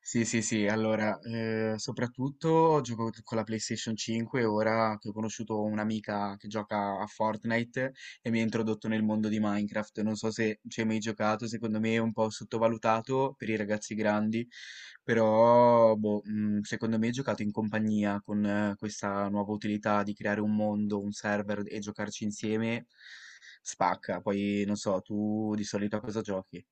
Sì, sì, sì, allora, soprattutto gioco con la PlayStation 5, ora che ho conosciuto un'amica che gioca a Fortnite e mi ha introdotto nel mondo di Minecraft. Non so se ci hai mai giocato, secondo me è un po' sottovalutato per i ragazzi grandi, però secondo me è giocato in compagnia con questa nuova utilità di creare un mondo, un server e giocarci insieme, spacca. Poi non so, tu di solito a cosa giochi?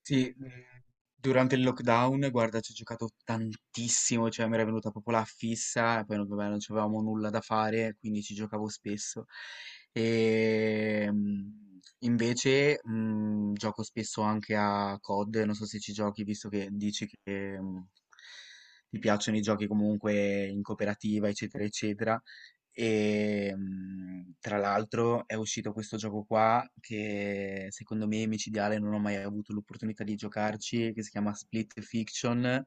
Sì, durante il lockdown, guarda, ci ho giocato tantissimo, cioè mi era venuta proprio la fissa, e poi non, vabbè, non avevamo nulla da fare, quindi ci giocavo spesso. E invece gioco spesso anche a COD, non so se ci giochi, visto che dici che ti piacciono i giochi comunque in cooperativa, eccetera, eccetera. E tra l'altro è uscito questo gioco qua che secondo me è micidiale, non ho mai avuto l'opportunità di giocarci, che si chiama Split Fiction,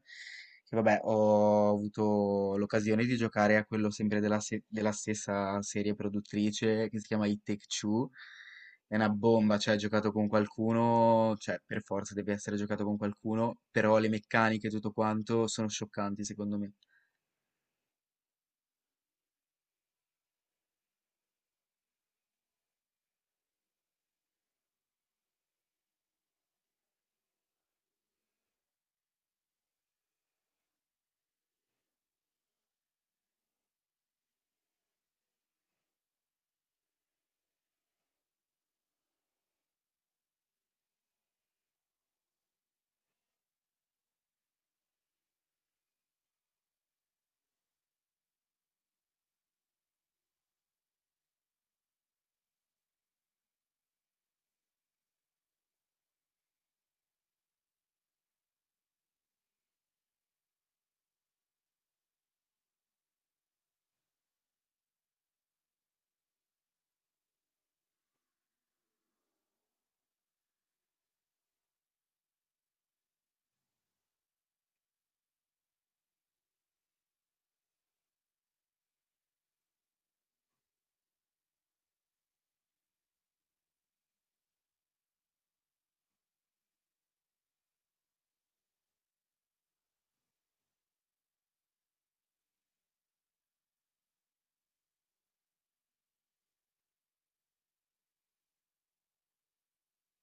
che vabbè ho avuto l'occasione di giocare a quello sempre della se della stessa serie produttrice che si chiama It Take Two. È una bomba, cioè giocato con qualcuno, cioè per forza deve essere giocato con qualcuno, però le meccaniche e tutto quanto sono scioccanti secondo me.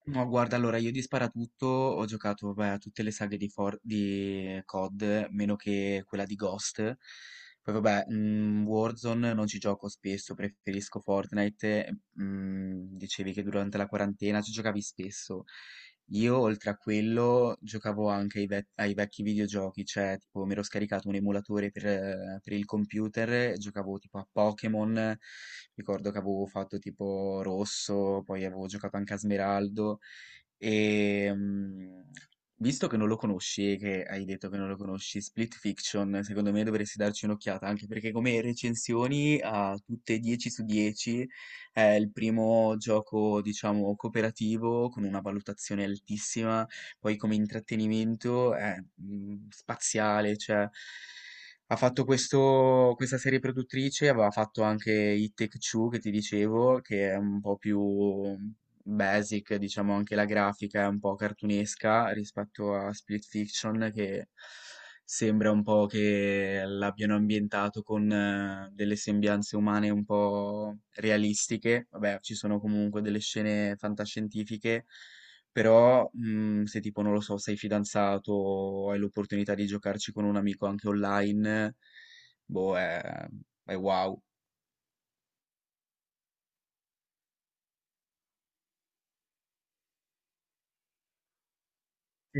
No, guarda, allora io di Sparatutto ho giocato beh, a tutte le saghe di COD, meno che quella di Ghost. Poi vabbè, Warzone non ci gioco spesso, preferisco Fortnite. Dicevi che durante la quarantena ci giocavi spesso. Io oltre a quello giocavo anche ai vecchi videogiochi, cioè tipo mi ero scaricato un emulatore per il computer e giocavo tipo a Pokémon, ricordo che avevo fatto tipo Rosso, poi avevo giocato anche a Smeraldo, e, visto che non lo conosci, e che hai detto che non lo conosci, Split Fiction, secondo me dovresti darci un'occhiata, anche perché come recensioni a tutte 10 su 10 è il primo gioco, diciamo, cooperativo con una valutazione altissima, poi come intrattenimento è spaziale, cioè ha fatto questa serie produttrice, aveva fatto anche It Take Two che ti dicevo, che è un po' più basic, diciamo anche la grafica è un po' cartunesca rispetto a Split Fiction che sembra un po' che l'abbiano ambientato con delle sembianze umane un po' realistiche. Vabbè, ci sono comunque delle scene fantascientifiche, però se tipo, non lo so, sei fidanzato o hai l'opportunità di giocarci con un amico anche online, boh, è wow.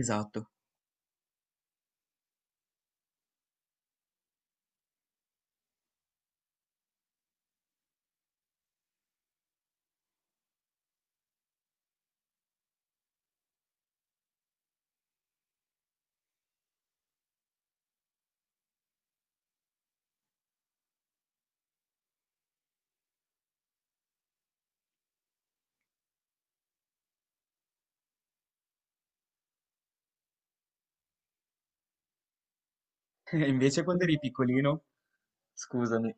Esatto. E invece quando eri piccolino, scusami.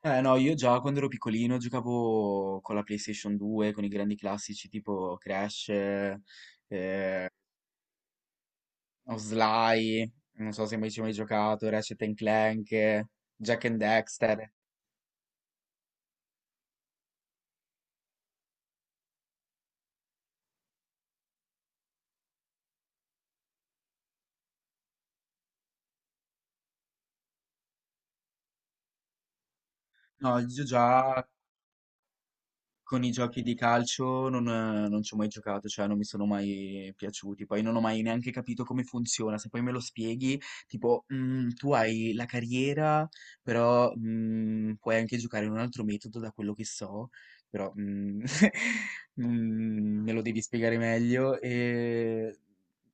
Eh no, io già quando ero piccolino giocavo con la PlayStation 2, con i grandi classici tipo Crash, o Sly, non so se mai ci hai mai giocato, Ratchet and Clank, Jack and Dexter. No, io già Con i giochi di calcio non, non ci ho mai giocato, cioè non mi sono mai piaciuti. Poi non ho mai neanche capito come funziona. Se poi me lo spieghi, tipo, tu hai la carriera, però puoi anche giocare in un altro metodo, da quello che so, però me lo devi spiegare meglio." E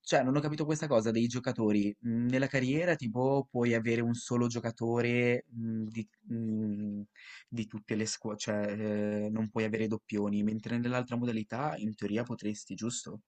cioè, non ho capito questa cosa dei giocatori. Nella carriera, tipo, puoi avere un solo giocatore mm, di tutte le squadre, cioè, non puoi avere doppioni, mentre nell'altra modalità, in teoria, potresti, giusto?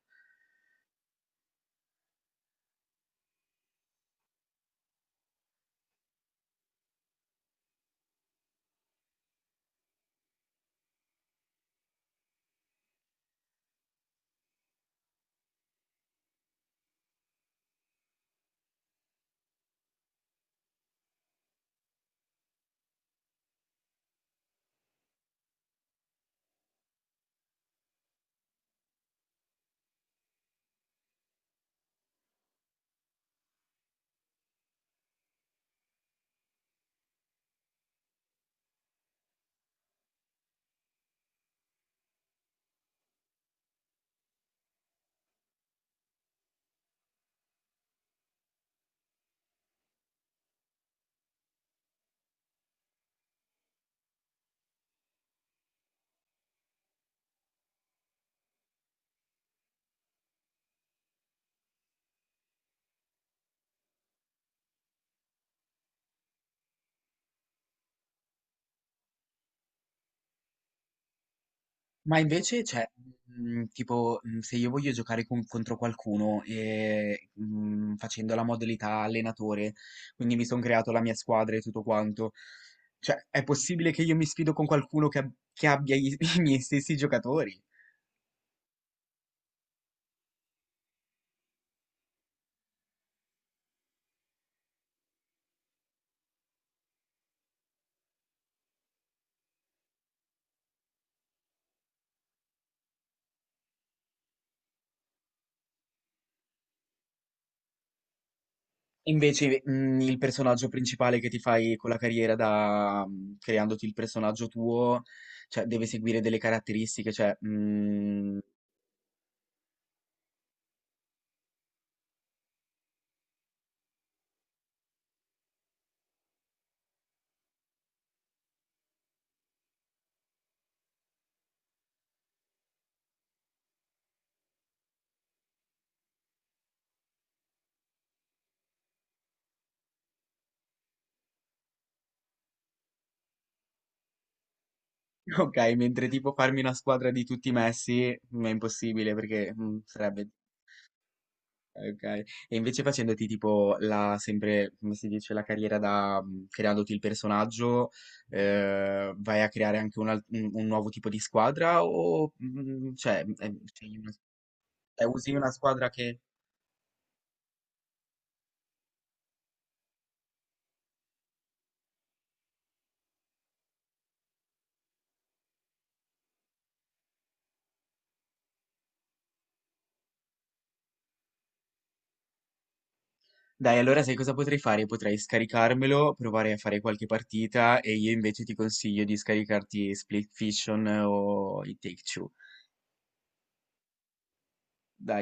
Ma invece, cioè, tipo, se io voglio giocare contro qualcuno e, facendo la modalità allenatore, quindi mi sono creato la mia squadra e tutto quanto, cioè, è possibile che io mi sfido con qualcuno che abbia i i miei stessi giocatori? Invece, il personaggio principale che ti fai con la carriera da creandoti il personaggio tuo, cioè deve seguire delle caratteristiche, cioè, okay, mentre tipo farmi una squadra di tutti Messi, è impossibile perché, sarebbe okay. E invece facendoti tipo la sempre, come si dice, la carriera da creandoti il personaggio, vai a creare anche un al un nuovo tipo di squadra o, cioè, scegli una s cioè usi una squadra che dai, allora sai cosa potrei fare? Potrei scaricarmelo, provare a fare qualche partita e io invece ti consiglio di scaricarti Split Fiction o i Take Two. Dai.